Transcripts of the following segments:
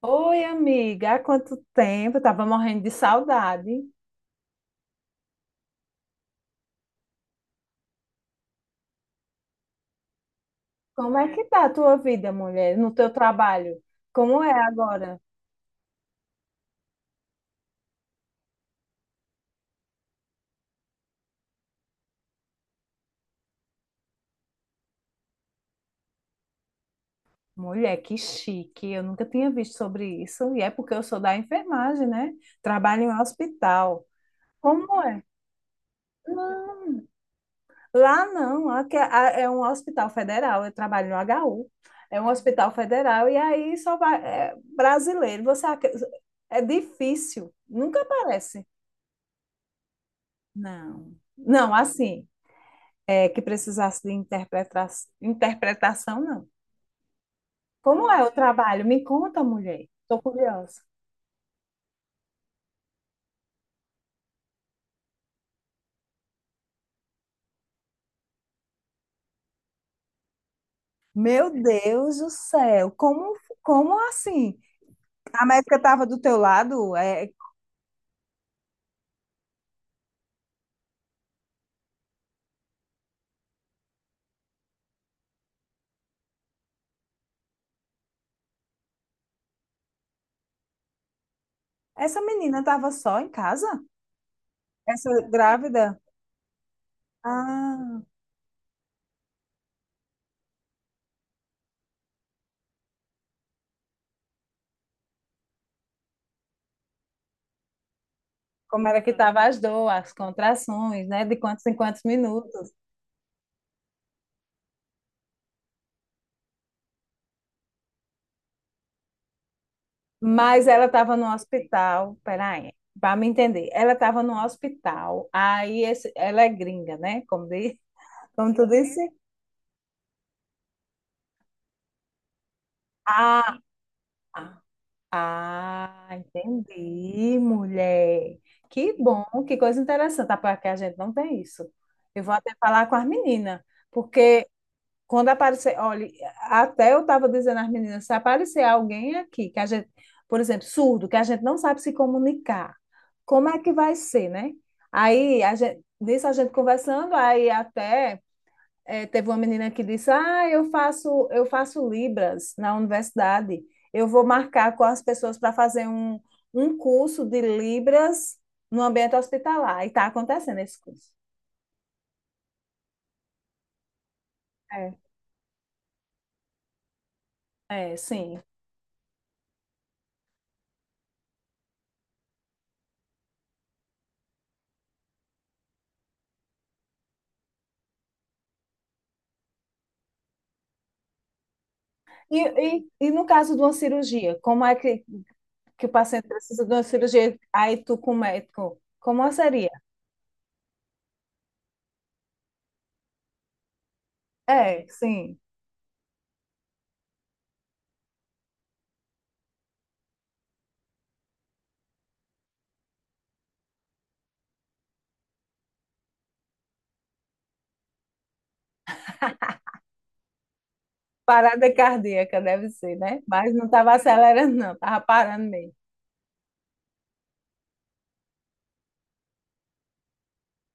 Oi, amiga, há quanto tempo? Eu tava morrendo de saudade. Como é que tá a tua vida, mulher, no teu trabalho? Como é agora? Mulher, que chique. Eu nunca tinha visto sobre isso. E é porque eu sou da enfermagem, né? Trabalho em um hospital. Como é? Não, lá não. Lá que é um hospital federal. Eu trabalho no HU. É um hospital federal. E aí só vai. É brasileiro. É difícil. Nunca aparece. Não. Não, assim. É, que precisasse de interpretação, não. Como é o trabalho? Me conta, mulher. Estou curiosa. Meu Deus do céu, como, como assim? A médica estava do teu lado? É, essa menina estava só em casa? Essa grávida? Ah, como era que estava as dores, as contrações, né? De quantos em quantos minutos. Mas ela estava no hospital. Peraí, para me entender. Ela estava no hospital. Ela é gringa, né? Como diz. Como tu disse? Ah, ah, entendi, mulher. Que bom, que coisa interessante. Ah, porque a gente não tem isso. Eu vou até falar com as meninas, porque quando aparecer, olha, até eu estava dizendo às meninas, se aparecer alguém aqui que a gente, por exemplo, surdo, que a gente não sabe se comunicar, como é que vai ser, né? Aí a gente, nisso a gente conversando, aí até é, teve uma menina que disse: Ah, eu faço Libras na universidade. Eu vou marcar com as pessoas para fazer um curso de Libras no ambiente hospitalar. E está acontecendo esse curso. É. É, sim. E, e no caso de uma cirurgia, como é que o paciente precisa de uma cirurgia? Aí tu com o médico, como seria? É, sim. Parada cardíaca deve ser, né? Mas não estava acelerando, não, estava parando mesmo.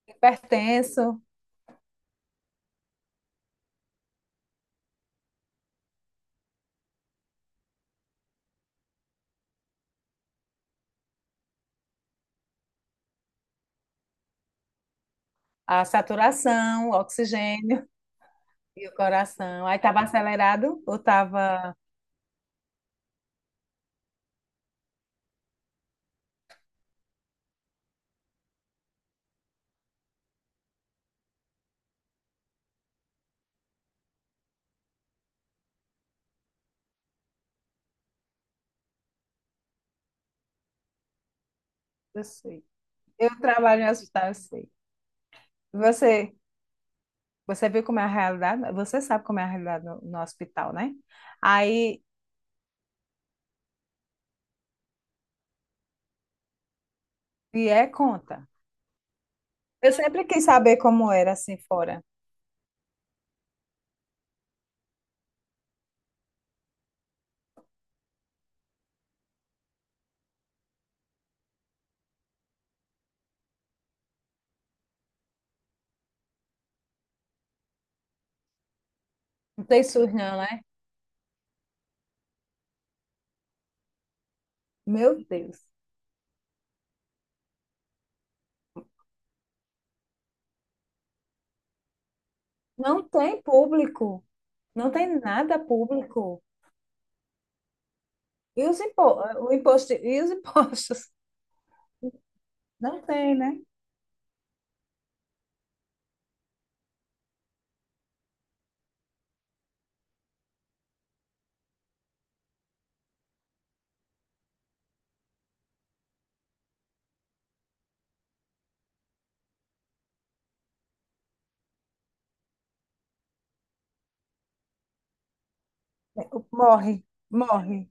Hipertenso. A saturação, o oxigênio e o coração. Aí estava acelerado ou estava. Eu sei. Eu trabalho em hospital, eu sei. Você, você viu como é a realidade? Você sabe como é a realidade no hospital, né? Aí, e é conta. Eu sempre quis saber como era assim fora. Não tem SUS, não, né? Meu Deus. Não tem público. Não tem nada público. E os impo... o imposto... E os impostos? Não tem, né? Morre, morre.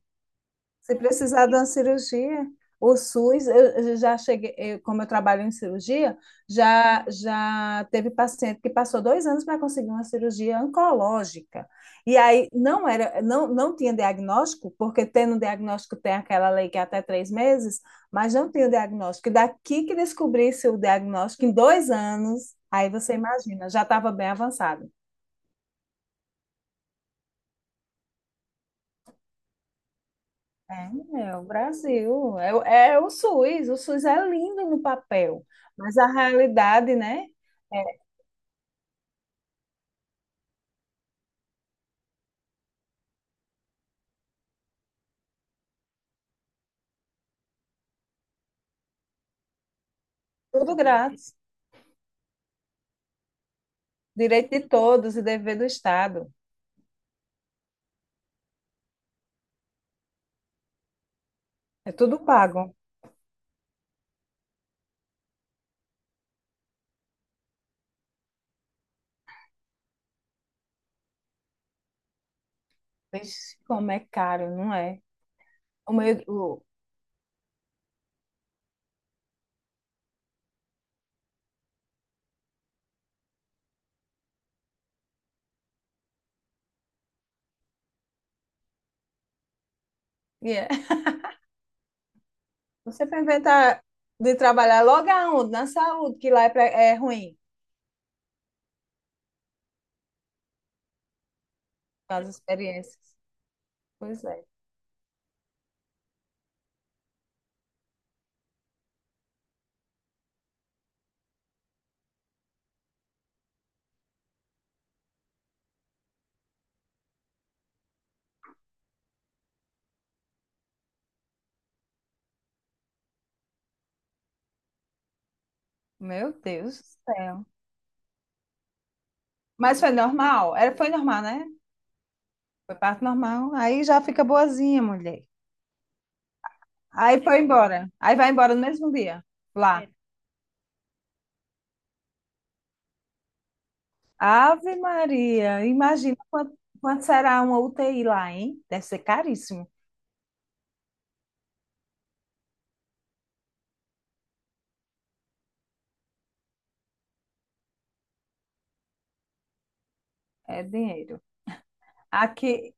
Se precisar de uma cirurgia, o SUS, eu já cheguei, como eu trabalho em cirurgia, já teve paciente que passou 2 anos para conseguir uma cirurgia oncológica. E aí não era, não, não tinha diagnóstico, porque tendo diagnóstico tem aquela lei que é até 3 meses, mas não tinha diagnóstico. E daqui que descobrisse o diagnóstico em 2 anos, aí você imagina, já estava bem avançado. É o Brasil, é o SUS é lindo no papel, mas a realidade, né? É tudo grátis, direito de todos e dever do Estado, é tudo pago. Vixe, como é caro, não é? O meio, o, e é. Você vai inventar de trabalhar logo aonde? Na saúde, que lá é, é ruim, as experiências. Pois é, meu Deus do céu. Mas foi normal? Era, foi normal, né? Foi parte normal. Aí já fica boazinha, mulher. Aí foi embora. Aí vai embora no mesmo dia, lá. É. Ave Maria, imagina quanto, quanto será uma UTI lá, hein? Deve ser caríssimo. É dinheiro. Aqui,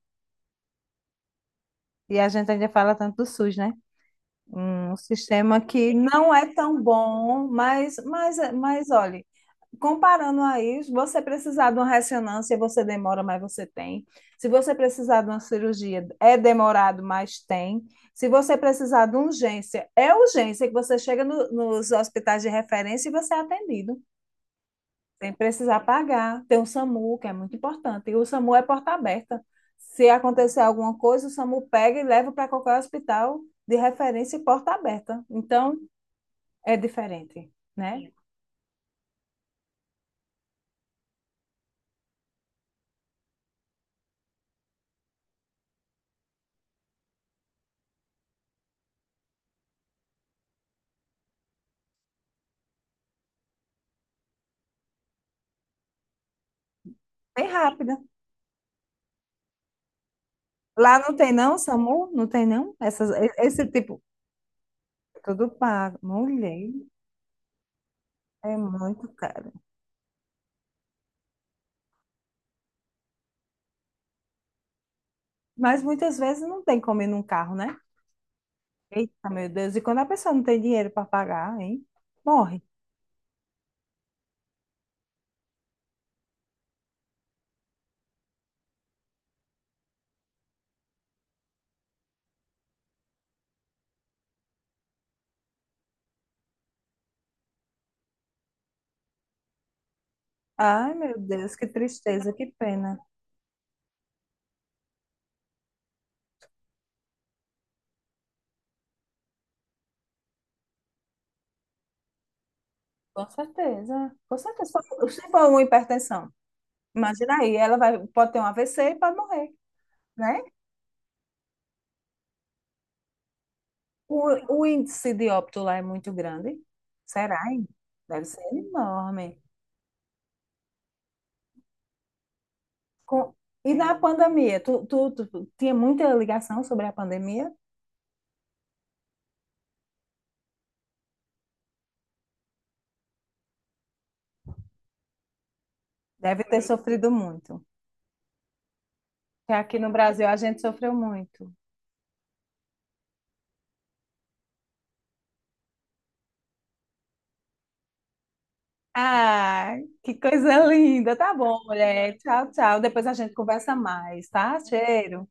e a gente ainda fala tanto do SUS, né? Um sistema que não é tão bom, mas, mas olha, comparando a isso, você precisar de uma ressonância, você demora, mas você tem. Se você precisar de uma cirurgia, é demorado, mas tem. Se você precisar de urgência, é urgência que você chega nos hospitais de referência e você é atendido. Tem precisar pagar. Tem o SAMU, que é muito importante. E o SAMU é porta aberta. Se acontecer alguma coisa, o SAMU pega e leva para qualquer hospital de referência e porta aberta. Então, é diferente, né? Bem rápido. Lá não tem não, SAMU? Não tem não? Essas, e- esse tipo, Tudo pago. Mulher, é muito caro. Mas muitas vezes não tem como ir num carro, né? Eita, meu Deus. E quando a pessoa não tem dinheiro para pagar, hein? Morre. Ai, meu Deus, que tristeza, que pena. Com certeza. Com certeza. Se for uma hipertensão, imagina aí, ela vai, pode ter um AVC e pode morrer, né? O índice de óbito lá é muito grande. Será, hein? Deve ser enorme. Com- E na pandemia, tu tinha muita ligação sobre a pandemia? Deve ter sofrido muito. Porque aqui no Brasil a gente sofreu muito. Ah, que coisa linda. Tá bom, mulher. Tchau, tchau. Depois a gente conversa mais, tá? Cheiro.